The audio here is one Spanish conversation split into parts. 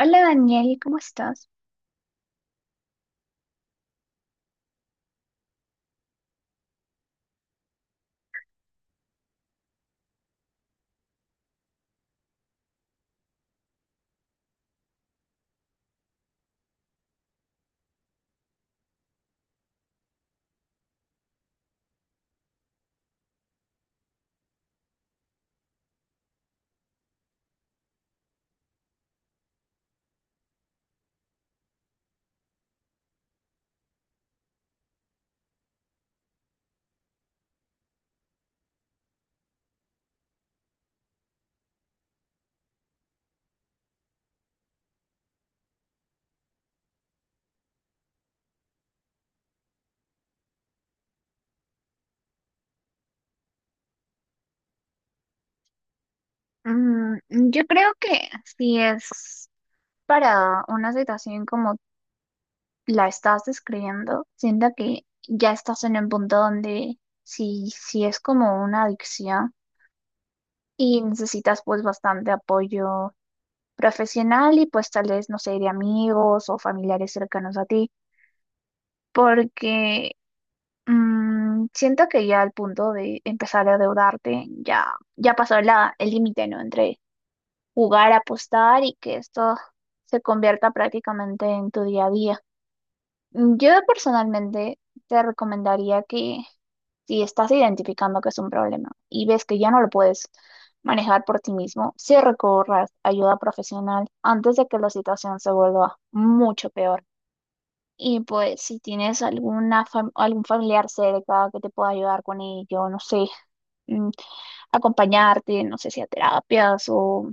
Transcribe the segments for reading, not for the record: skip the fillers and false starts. Hola Daniel, ¿cómo estás? Yo creo que si es para una situación como la estás describiendo, siento que ya estás en un punto donde si es como una adicción y necesitas pues bastante apoyo profesional y pues tal vez, no sé, de amigos o familiares cercanos a ti, porque mm, siento que ya al punto de empezar a endeudarte ya pasó el límite, ¿no? Entre jugar, apostar y que esto se convierta prácticamente en tu día a día. Yo personalmente te recomendaría que si estás identificando que es un problema y ves que ya no lo puedes manejar por ti mismo, sí recorras ayuda profesional antes de que la situación se vuelva mucho peor. Y pues si tienes algún familiar cerca que te pueda ayudar con ello, no sé, mm, acompañarte, no sé si a terapias o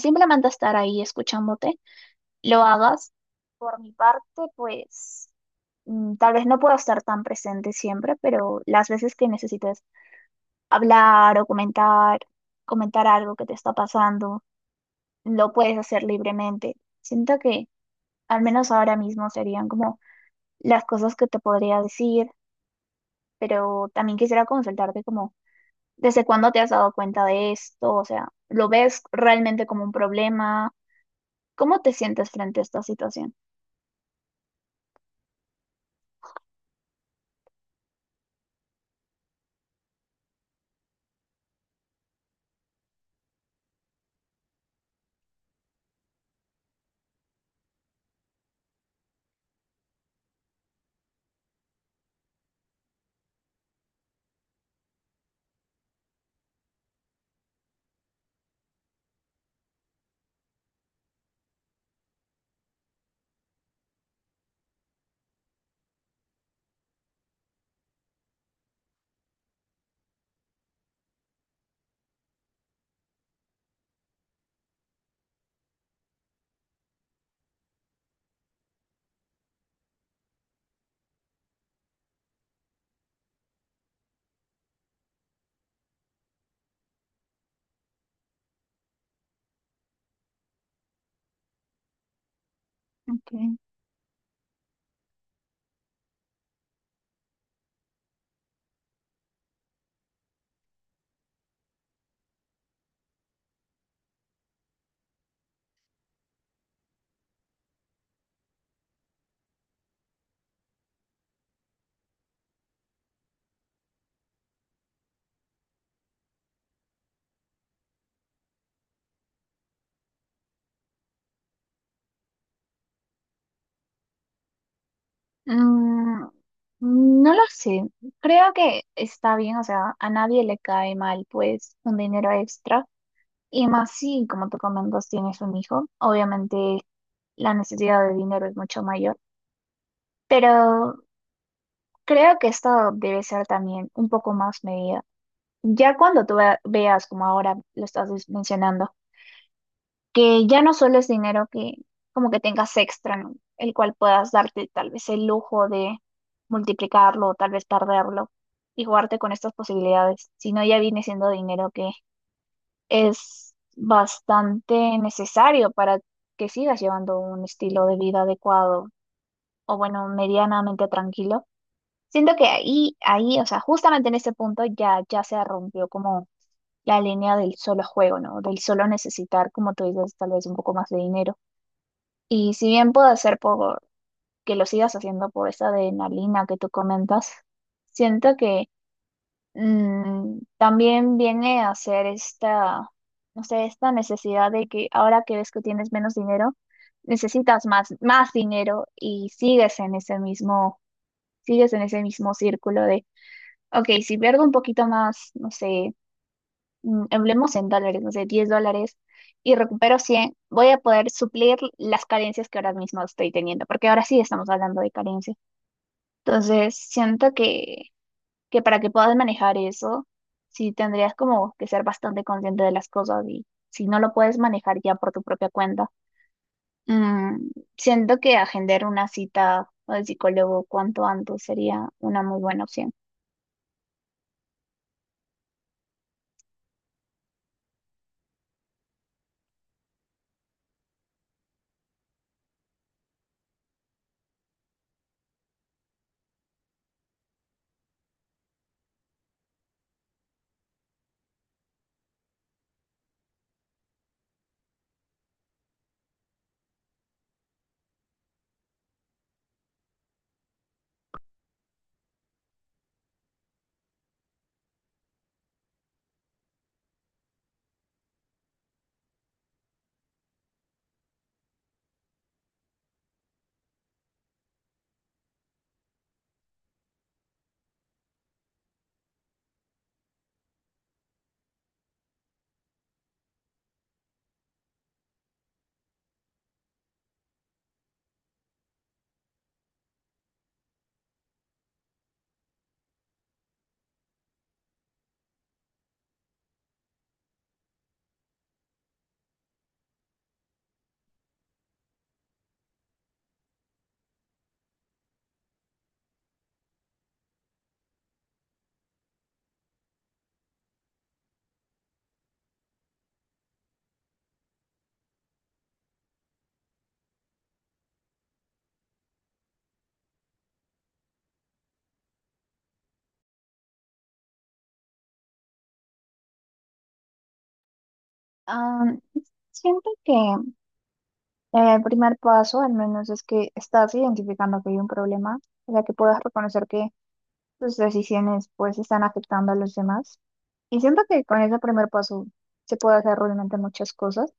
simplemente estar ahí escuchándote, lo hagas. Por mi parte, pues tal vez no puedo estar tan presente siempre, pero las veces que necesites hablar o comentar algo que te está pasando, lo puedes hacer libremente. Siento que al menos ahora mismo serían como las cosas que te podría decir, pero también quisiera consultarte como, ¿desde cuándo te has dado cuenta de esto? O sea, ¿lo ves realmente como un problema? ¿Cómo te sientes frente a esta situación? Ok. Mm, no lo sé. Creo que está bien, o sea, a nadie le cae mal, pues, un dinero extra. Y más si, como tú comentas, tienes un hijo. Obviamente, la necesidad de dinero es mucho mayor. Pero creo que esto debe ser también un poco más medida. Ya cuando veas, como ahora lo estás mencionando, que ya no solo es dinero que como que tengas extra, ¿no? El cual puedas darte tal vez el lujo de multiplicarlo o tal vez perderlo y jugarte con estas posibilidades, sino ya viene siendo dinero que es bastante necesario para que sigas llevando un estilo de vida adecuado o bueno, medianamente tranquilo. Siento que ahí, ahí, o sea, justamente en este punto ya se rompió como la línea del solo juego, ¿no? Del solo necesitar, como tú dices, tal vez un poco más de dinero. Y si bien puede ser por que lo sigas haciendo por esa adrenalina que tú comentas, siento que también viene a ser esta, no sé, esta necesidad de que ahora que ves que tienes menos dinero, necesitas más, más dinero y sigues en ese mismo círculo de, ok, si pierdo un poquito más, no sé, hablemos en dólares, no sé, 10 dólares y recupero 100, voy a poder suplir las carencias que ahora mismo estoy teniendo, porque ahora sí estamos hablando de carencias. Entonces, siento que para que puedas manejar eso, sí tendrías como que ser bastante consciente de las cosas y si no lo puedes manejar ya por tu propia cuenta, mm, siento que agendar una cita al psicólogo cuanto antes sería una muy buena opción. Ah, Siento que el primer paso, al menos, es que estás identificando que hay un problema, o sea, que puedas reconocer que tus decisiones pues están afectando a los demás. Y siento que con ese primer paso se puede hacer realmente muchas cosas.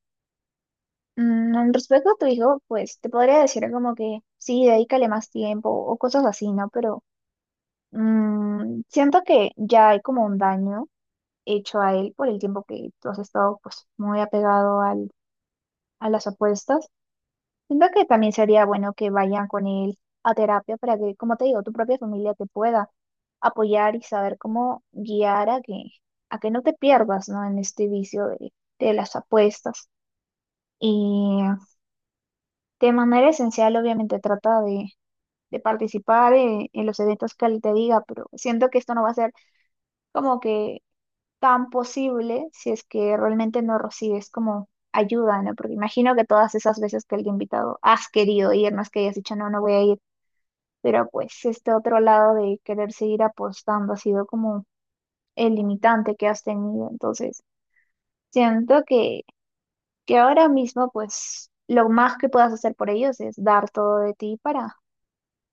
En respecto a tu hijo, pues te podría decir como que sí, dedícale más tiempo o cosas así, ¿no? Pero siento que ya hay como un daño hecho a él por el tiempo que tú has estado pues muy apegado a las apuestas. Siento que también sería bueno que vayan con él a terapia para que, como te digo, tu propia familia te pueda apoyar y saber cómo guiar a a que no te pierdas, ¿no? En este vicio de las apuestas. Y de manera esencial, obviamente, trata de participar en los eventos que él te diga, pero siento que esto no va a ser como que tan posible si es que realmente no recibes como ayuda, ¿no? Porque imagino que todas esas veces que el invitado has querido ir, no es que hayas dicho, no, no voy a ir, pero pues este otro lado de querer seguir apostando ha sido como el limitante que has tenido. Entonces, siento que ahora mismo pues lo más que puedas hacer por ellos es dar todo de ti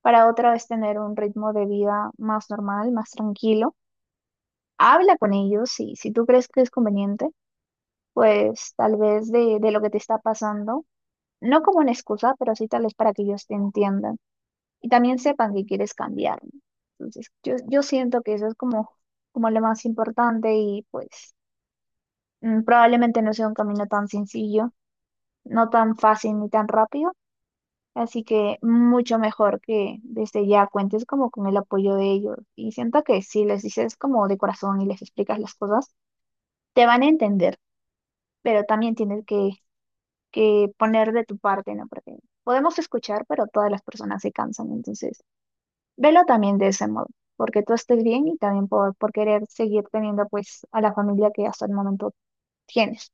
para otra vez tener un ritmo de vida más normal, más tranquilo. Habla con ellos y si tú crees que es conveniente, pues tal vez de lo que te está pasando, no como una excusa, pero sí tal vez para que ellos te entiendan, y también sepan que quieres cambiar, ¿no? Entonces, yo siento que eso es como, como lo más importante y pues probablemente no sea un camino tan sencillo, no tan fácil ni tan rápido, así que mucho mejor que desde ya cuentes como con el apoyo de ellos y siento que si les dices como de corazón y les explicas las cosas, te van a entender, pero también tienes que poner de tu parte, ¿no? Porque podemos escuchar, pero todas las personas se cansan, entonces. Velo también de ese modo, porque tú estés bien y también por querer seguir teniendo pues a la familia que hasta el momento tienes.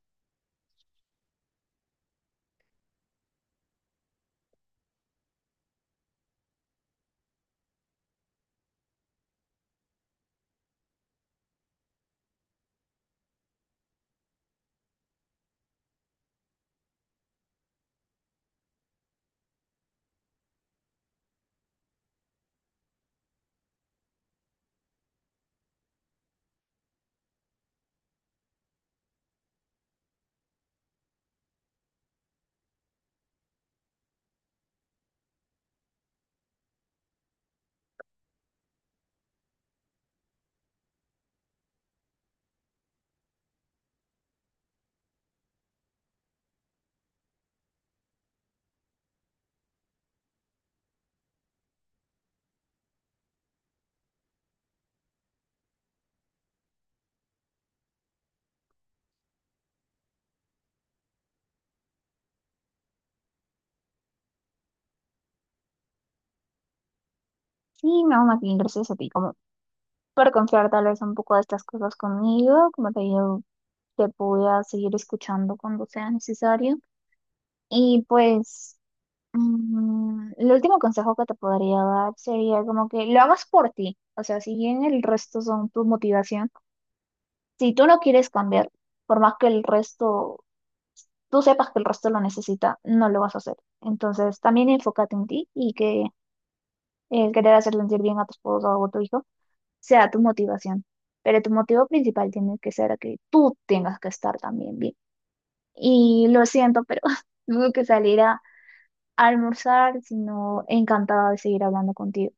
Y no, más gracias a ti, como por confiar tal vez un poco de estas cosas conmigo, como te digo, te voy a seguir escuchando cuando sea necesario. Y pues el último consejo que te podría dar sería como que lo hagas por ti. O sea, si bien el resto son tu motivación, si tú no quieres cambiar, por más que el resto tú sepas que el resto lo necesita, no lo vas a hacer. Entonces, también enfócate en ti y que el querer hacer sentir bien a tu esposo o a tu hijo sea tu motivación. Pero tu motivo principal tiene que ser que tú tengas que estar también bien. Y lo siento, pero tengo que salir a almorzar, sino encantada de seguir hablando contigo.